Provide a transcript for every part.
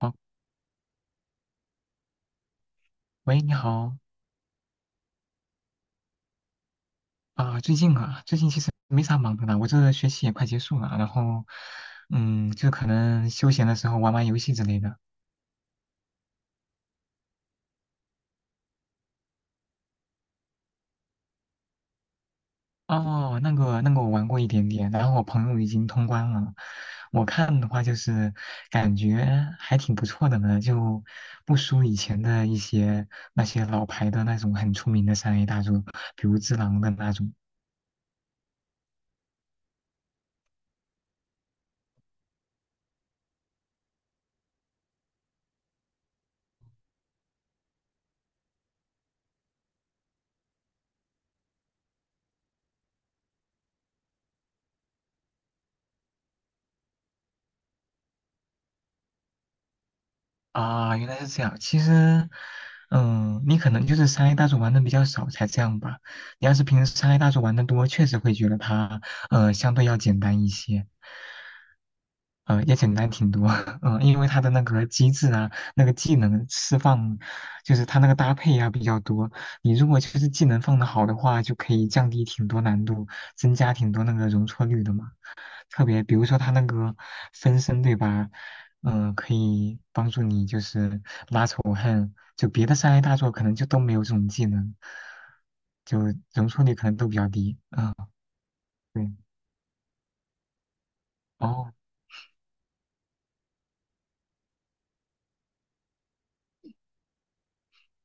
哦，喂，你好啊。最近啊，最近其实没啥忙的啦，我这个学期也快结束了，然后，就可能休闲的时候玩玩游戏之类的。哦，那个我玩过一点点，然后我朋友已经通关了。我看的话就是感觉还挺不错的呢，就不输以前的一些那些老牌的那种很出名的三 A 大作，比如《只狼》的那种。啊，原来是这样。其实，你可能就是三 A 大作玩的比较少才这样吧。你要是平时三 A 大作玩的多，确实会觉得它，相对要简单一些，也简单挺多。因为它的那个机制啊，那个技能释放，就是它那个搭配啊比较多。你如果就是技能放的好的话，就可以降低挺多难度，增加挺多那个容错率的嘛。特别，比如说它那个分身，对吧？可以帮助你就是拉仇恨，就别的三 A 大作可能就都没有这种技能，就容错率可能都比较低。啊，对。哦，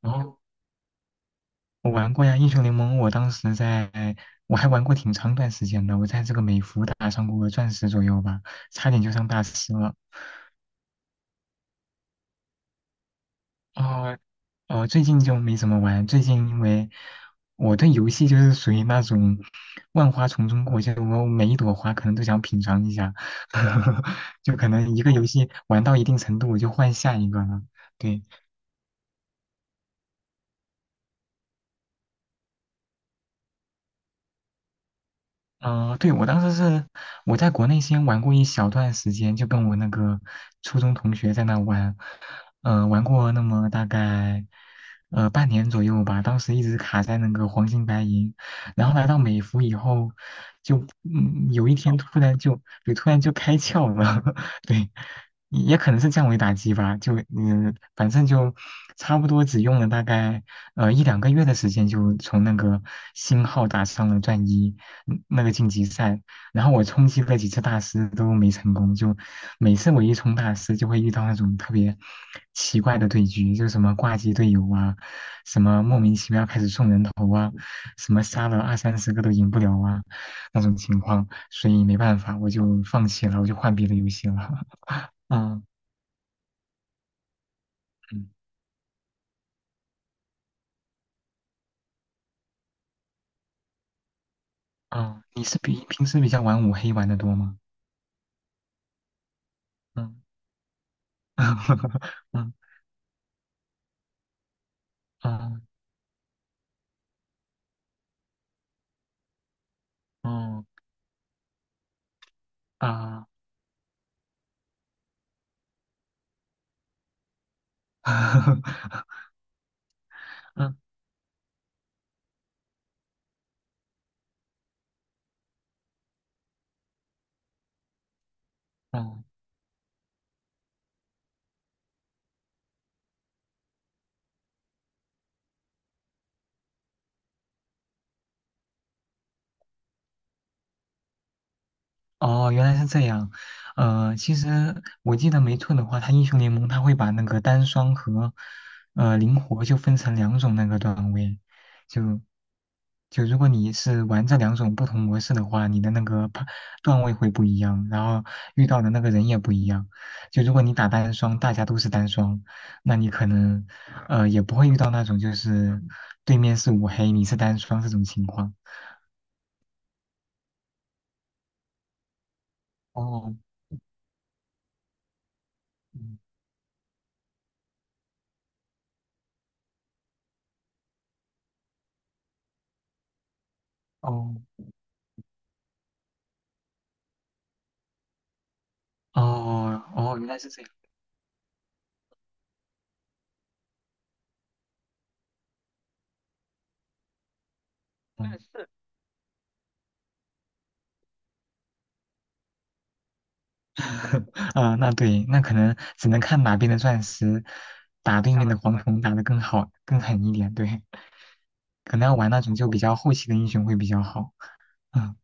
然后我玩过呀。英雄联盟，我当时在，我还玩过挺长一段时间的，我在这个美服打上过钻石左右吧，差点就上大师了。哦，哦，最近就没怎么玩。最近因为我对游戏就是属于那种万花丛中过，就我每一朵花可能都想品尝一下，就可能一个游戏玩到一定程度，我就换下一个了。对。嗯，对，我当时是我在国内先玩过一小段时间，就跟我那个初中同学在那玩。嗯，玩过那么大概半年左右吧。当时一直卡在那个黄金白银，然后来到美服以后，就有一天突然就开窍了。对，也可能是降维打击吧，就反正就差不多只用了大概一两个月的时间，就从那个星号打上了钻一。那个晋级赛，然后我冲击了几次大师都没成功，就每次我一冲大师就会遇到那种特别奇怪的对局，就什么挂机队友啊，什么莫名其妙开始送人头啊，什么杀了二三十个都赢不了啊，那种情况，所以没办法，我就放弃了，我就换别的游戏了。嗯嗯嗯，你是比平时比较玩五黑玩的多吗？嗯 嗯嗯嗯啊 嗯嗯哦，原来是这样。其实我记得没错的话，它英雄联盟它会把那个单双和灵活就分成两种那个段位，就如果你是玩这两种不同模式的话，你的那个段位会不一样，然后遇到的那个人也不一样。就如果你打单双，大家都是单双，那你可能也不会遇到那种就是对面是五黑、你是单双这种情况。哦，嗯哦。哦哦，原来是这样。嗯，啊，那对，那可能只能看哪边的钻石打对面的黄铜打得更好、更狠一点。对，可能要玩那种就比较后期的英雄会比较好。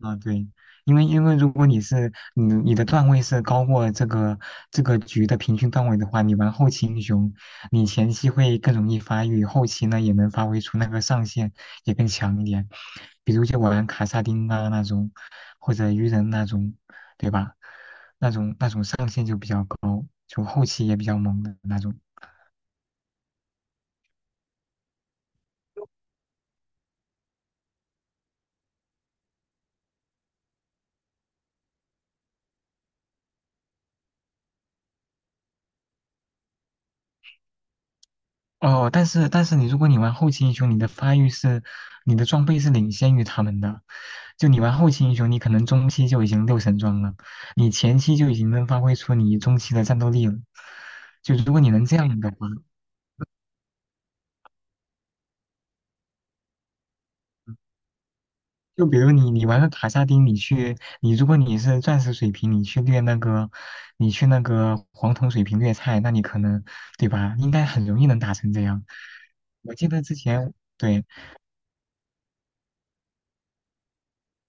啊，对，因为如果你是你的段位是高过这个局的平均段位的话，你玩后期英雄，你前期会更容易发育，后期呢也能发挥出那个上限，也更强一点。比如就玩卡萨丁啊那种，或者鱼人那种，对吧？那种上限就比较高，就后期也比较猛的那种。哦，但是你如果玩后期英雄，你的发育是，你的装备是领先于他们的。就你玩后期英雄，你可能中期就已经六神装了，你前期就已经能发挥出你中期的战斗力了。就如果你能这样的话，就比如你玩个卡萨丁，你如果你是钻石水平，你去掠那个，你去那个黄铜水平掠菜，那你可能对吧？应该很容易能打成这样。我记得之前。对，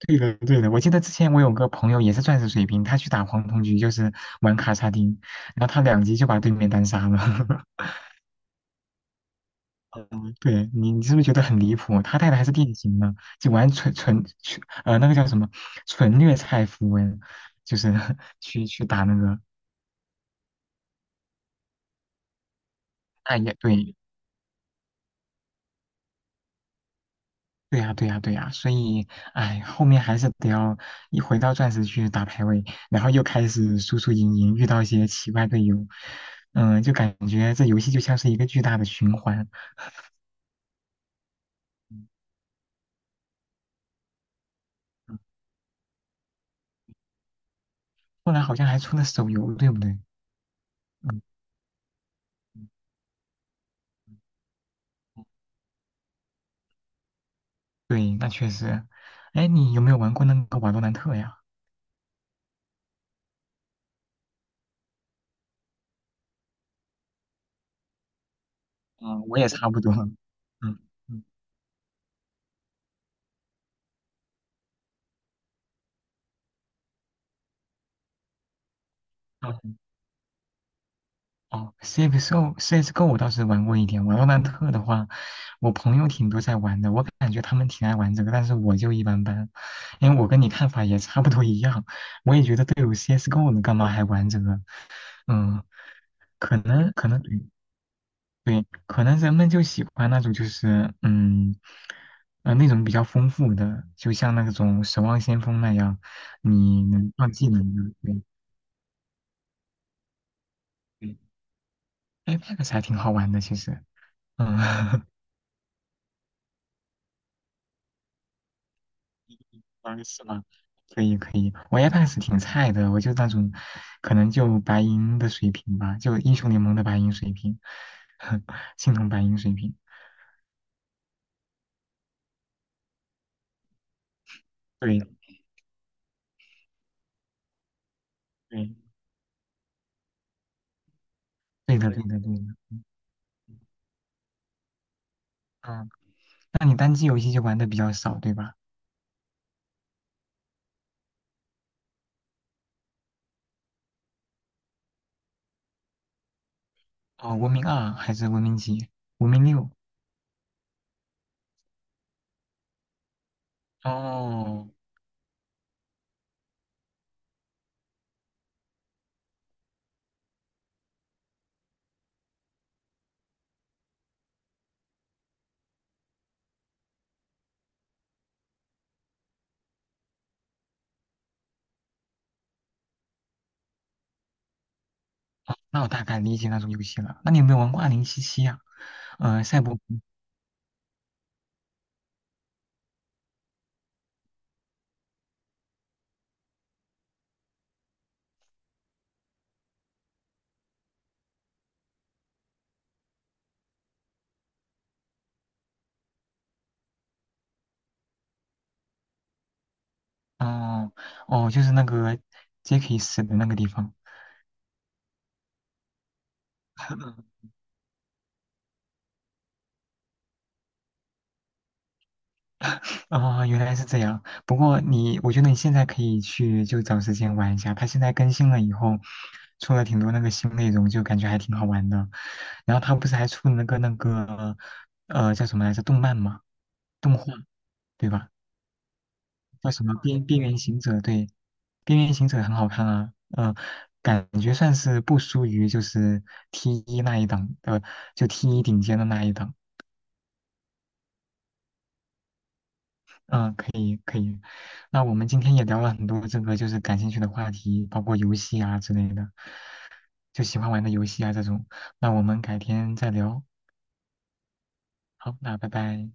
对的，对的。我记得之前我有个朋友也是钻石水平，他去打黄铜局就是玩卡萨丁，然后他两局就把对面单杀了。对你，你是不是觉得很离谱？他带的还是电竞呢，就玩纯纯纯那个叫什么纯虐菜符文，就是 去打那个。哎也对，对呀、对呀、对呀、所以哎，后面还是得要一回到钻石去打排位，然后又开始输输赢赢，遇到一些奇怪队友。嗯，就感觉这游戏就像是一个巨大的循环。嗯嗯后来好像还出了手游，对不对？嗯，嗯对，那确实。哎，你有没有玩过那个瓦罗兰特呀？嗯，我也差不多。嗯嗯哦哦CS:GO，CS:GO 我倒是玩过一点。瓦罗兰特的话，我朋友挺多在玩的，我感觉他们挺爱玩这个，但是我就一般般。因为我跟你看法也差不多一样，我也觉得队友 CS:GO 了，干嘛还玩这个？嗯，可能可能对，可能人们就喜欢那种，就是那种比较丰富的，就像那种《守望先锋》那样，你能放技能的。对对，哎，那 X 还挺好玩的，其实。嗯，个是吗？可以可以，我 Apex 挺菜的，我就那种，可能就白银的水平吧，就英雄联盟的白银水平。青铜白银水平，对对对的对的对的。嗯，那你单机游戏就玩的比较少，对吧？哦，文明二还是文明几？文明六。哦，那我大概理解那种游戏了。那你有没有玩过二零七七呀？赛博，哦哦，就是那个杰克死的那个地方。哦，原来是这样。不过你，我觉得你现在可以去就找时间玩一下。它现在更新了以后，出了挺多那个新内容，就感觉还挺好玩的。然后它不是还出了那个叫什么来着动漫嘛，动画，对吧？叫什么边缘行者，对，边缘行者很好看啊。嗯，感觉算是不输于就是 T 一那一档，就 T 一顶尖的那一档。嗯、可以可以。那我们今天也聊了很多这个就是感兴趣的话题，包括游戏啊之类的，就喜欢玩的游戏啊这种。那我们改天再聊，好，那拜拜。